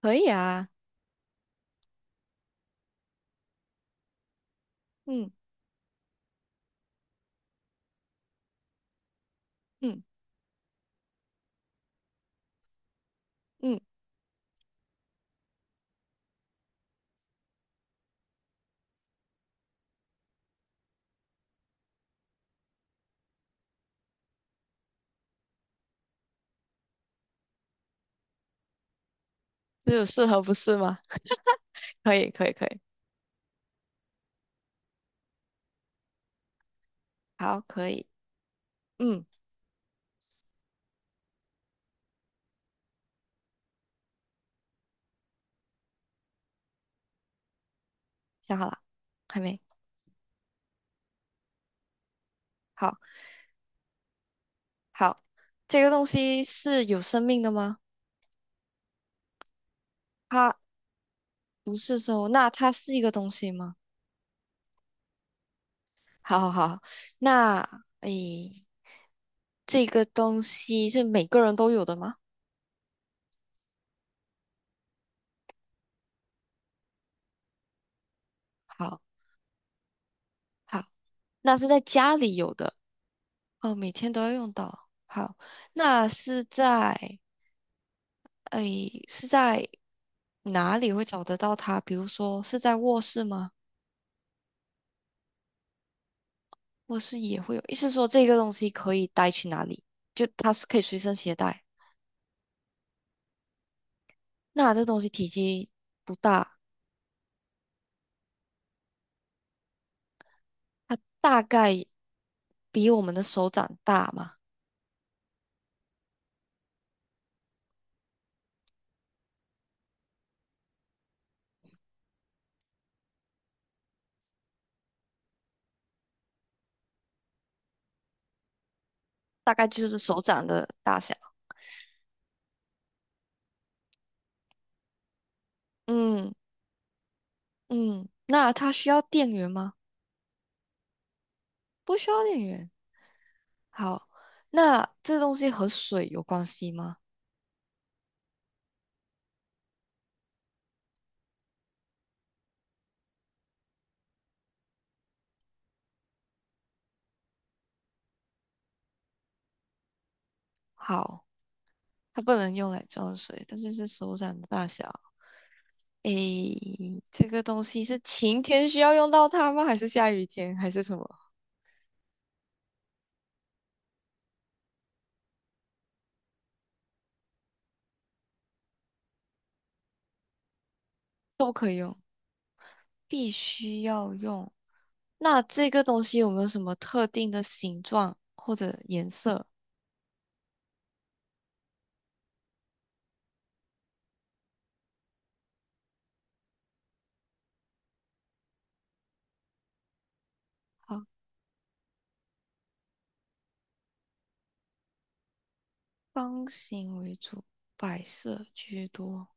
可以啊。嗯嗯嗯，只有适合不是吗？可以可以可以，好，可以。嗯，想好了，还没。好好，这个东西是有生命的吗？它不是生物，那它是一个东西吗？好好好，那诶，这个东西是每个人都有的吗？好好，那是在家里有的。哦，每天都要用到。好，那是在。哎，是在哪里会找得到它？比如说是在卧室吗？卧室也会有，意思说这个东西可以带去哪里？就它是可以随身携带。那这东西体积不大，它大概比我们的手掌大嘛，大概就是手掌的大小。嗯嗯，那它需要电源吗？不需要电源。好，那这东西和水有关系吗？好，它不能用来装水，但是是手掌的大小。诶，这个东西是晴天需要用到它吗？还是下雨天？还是什么？都可以用，必须要用。那这个东西有没有什么特定的形状或者颜色？好，方形为主，白色居多。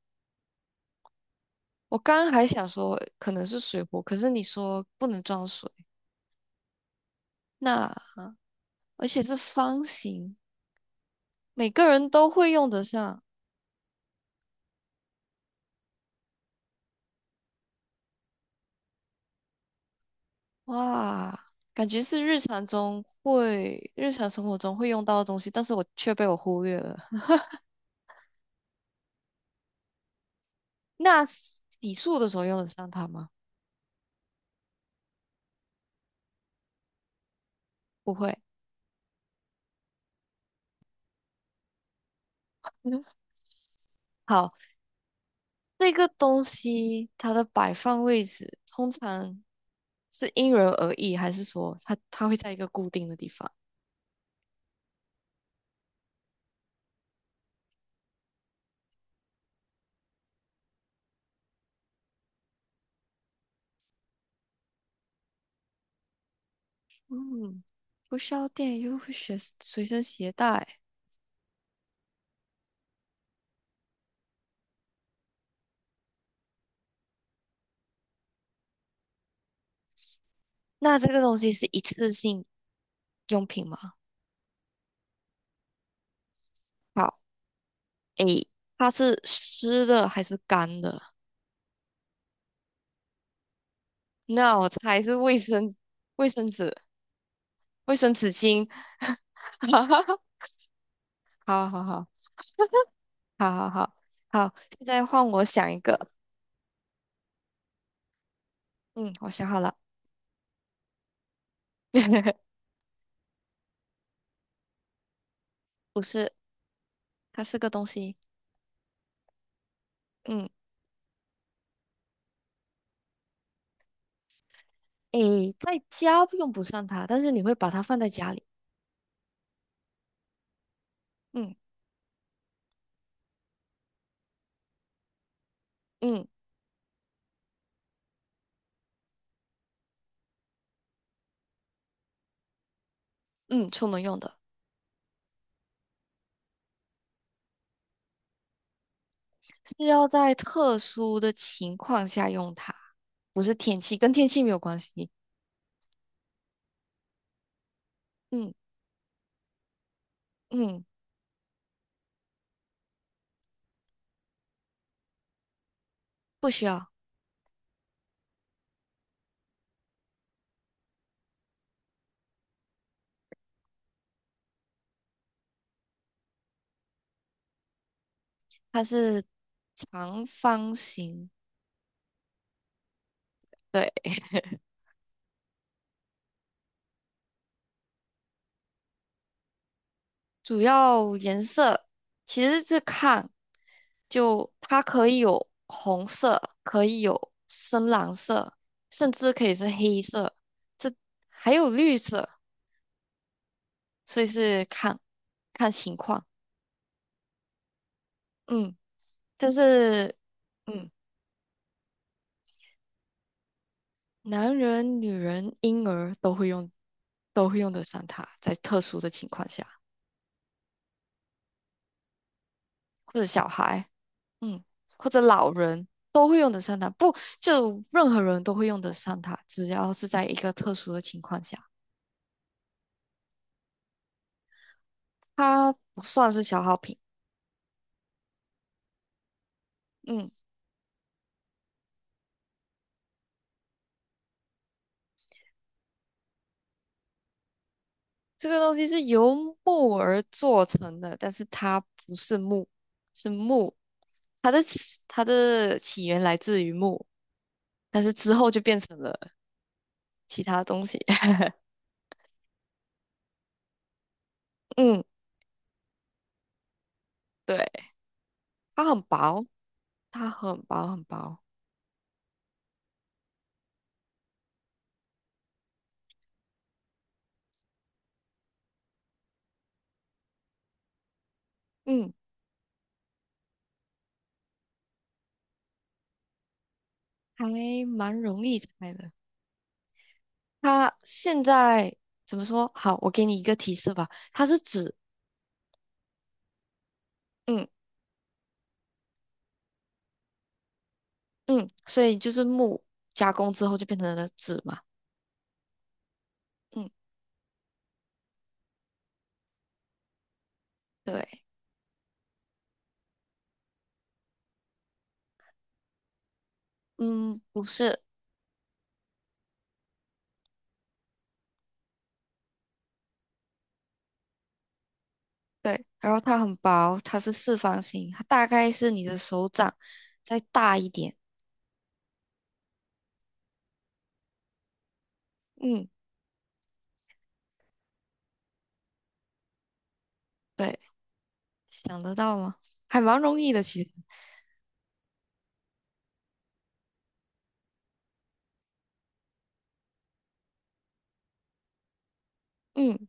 我刚刚还想说可能是水壶，可是你说不能装水，那而且是方形，每个人都会用得上。哇，感觉是日常中会，日常生活中会用到的东西，但是我却被我忽略了。那洗漱的时候用得上它吗？不会。嗯，好，这个东西它的摆放位置通常是因人而异，还是说它会在一个固定的地方？嗯，不需要电又会随随身携带。那这个东西是一次性用品吗？好，诶，它是湿的还是干的？那我猜是卫生、卫生纸、卫生纸巾。哈哈哈，好好好，好好好好，现在换我想一个。嗯，我想好了。不是，它是个东西。嗯，诶，在家用不上它，但是你会把它放在家里。嗯嗯嗯，出门用的。是要在特殊的情况下用它，不是天气，跟天气没有关系。嗯嗯，不需要，它是长方形，对，主要颜色其实是看，就它可以有红色，可以有深蓝色，甚至可以是黑色，这还有绿色，所以是看看情况。嗯，但是。嗯。男人、女人、婴儿都会用，都会用得上它，在特殊的情况下，或者小孩，嗯，或者老人都会用得上它。不，就任何人都会用得上它，只要是在一个特殊的情况下，它不算是消耗品。嗯，这个东西是由木而做成的，但是它不是木，是木，它的起源来自于木，但是之后就变成了其他东西。嗯。对。它很薄，它很薄很薄，嗯，还蛮容易猜的。它现在怎么说？好，我给你一个提示吧，它是纸。嗯嗯，所以就是木加工之后就变成了纸嘛。嗯，对。嗯，不是，对，然后它很薄，它是四方形，它大概是你的手掌再大一点。嗯，对，想得到吗？还蛮容易的，其实。嗯，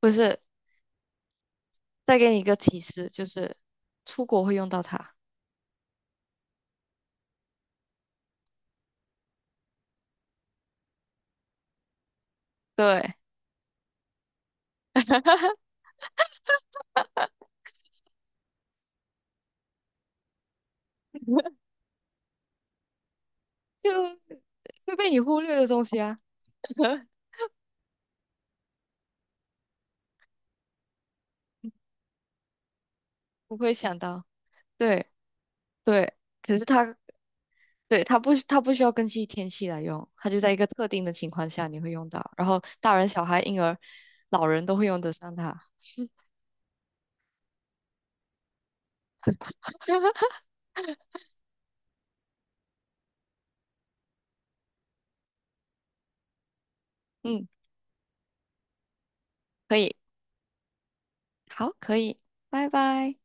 不是，再给你一个提示，就是出国会用到它。对，就会被你忽略的东西啊，不会想到。对对，可是它对它不需要根据天气来用，它就在一个特定的情况下你会用到，然后大人、小孩、婴儿、老人都会用得上它。嗯，可以，好，可以，拜拜。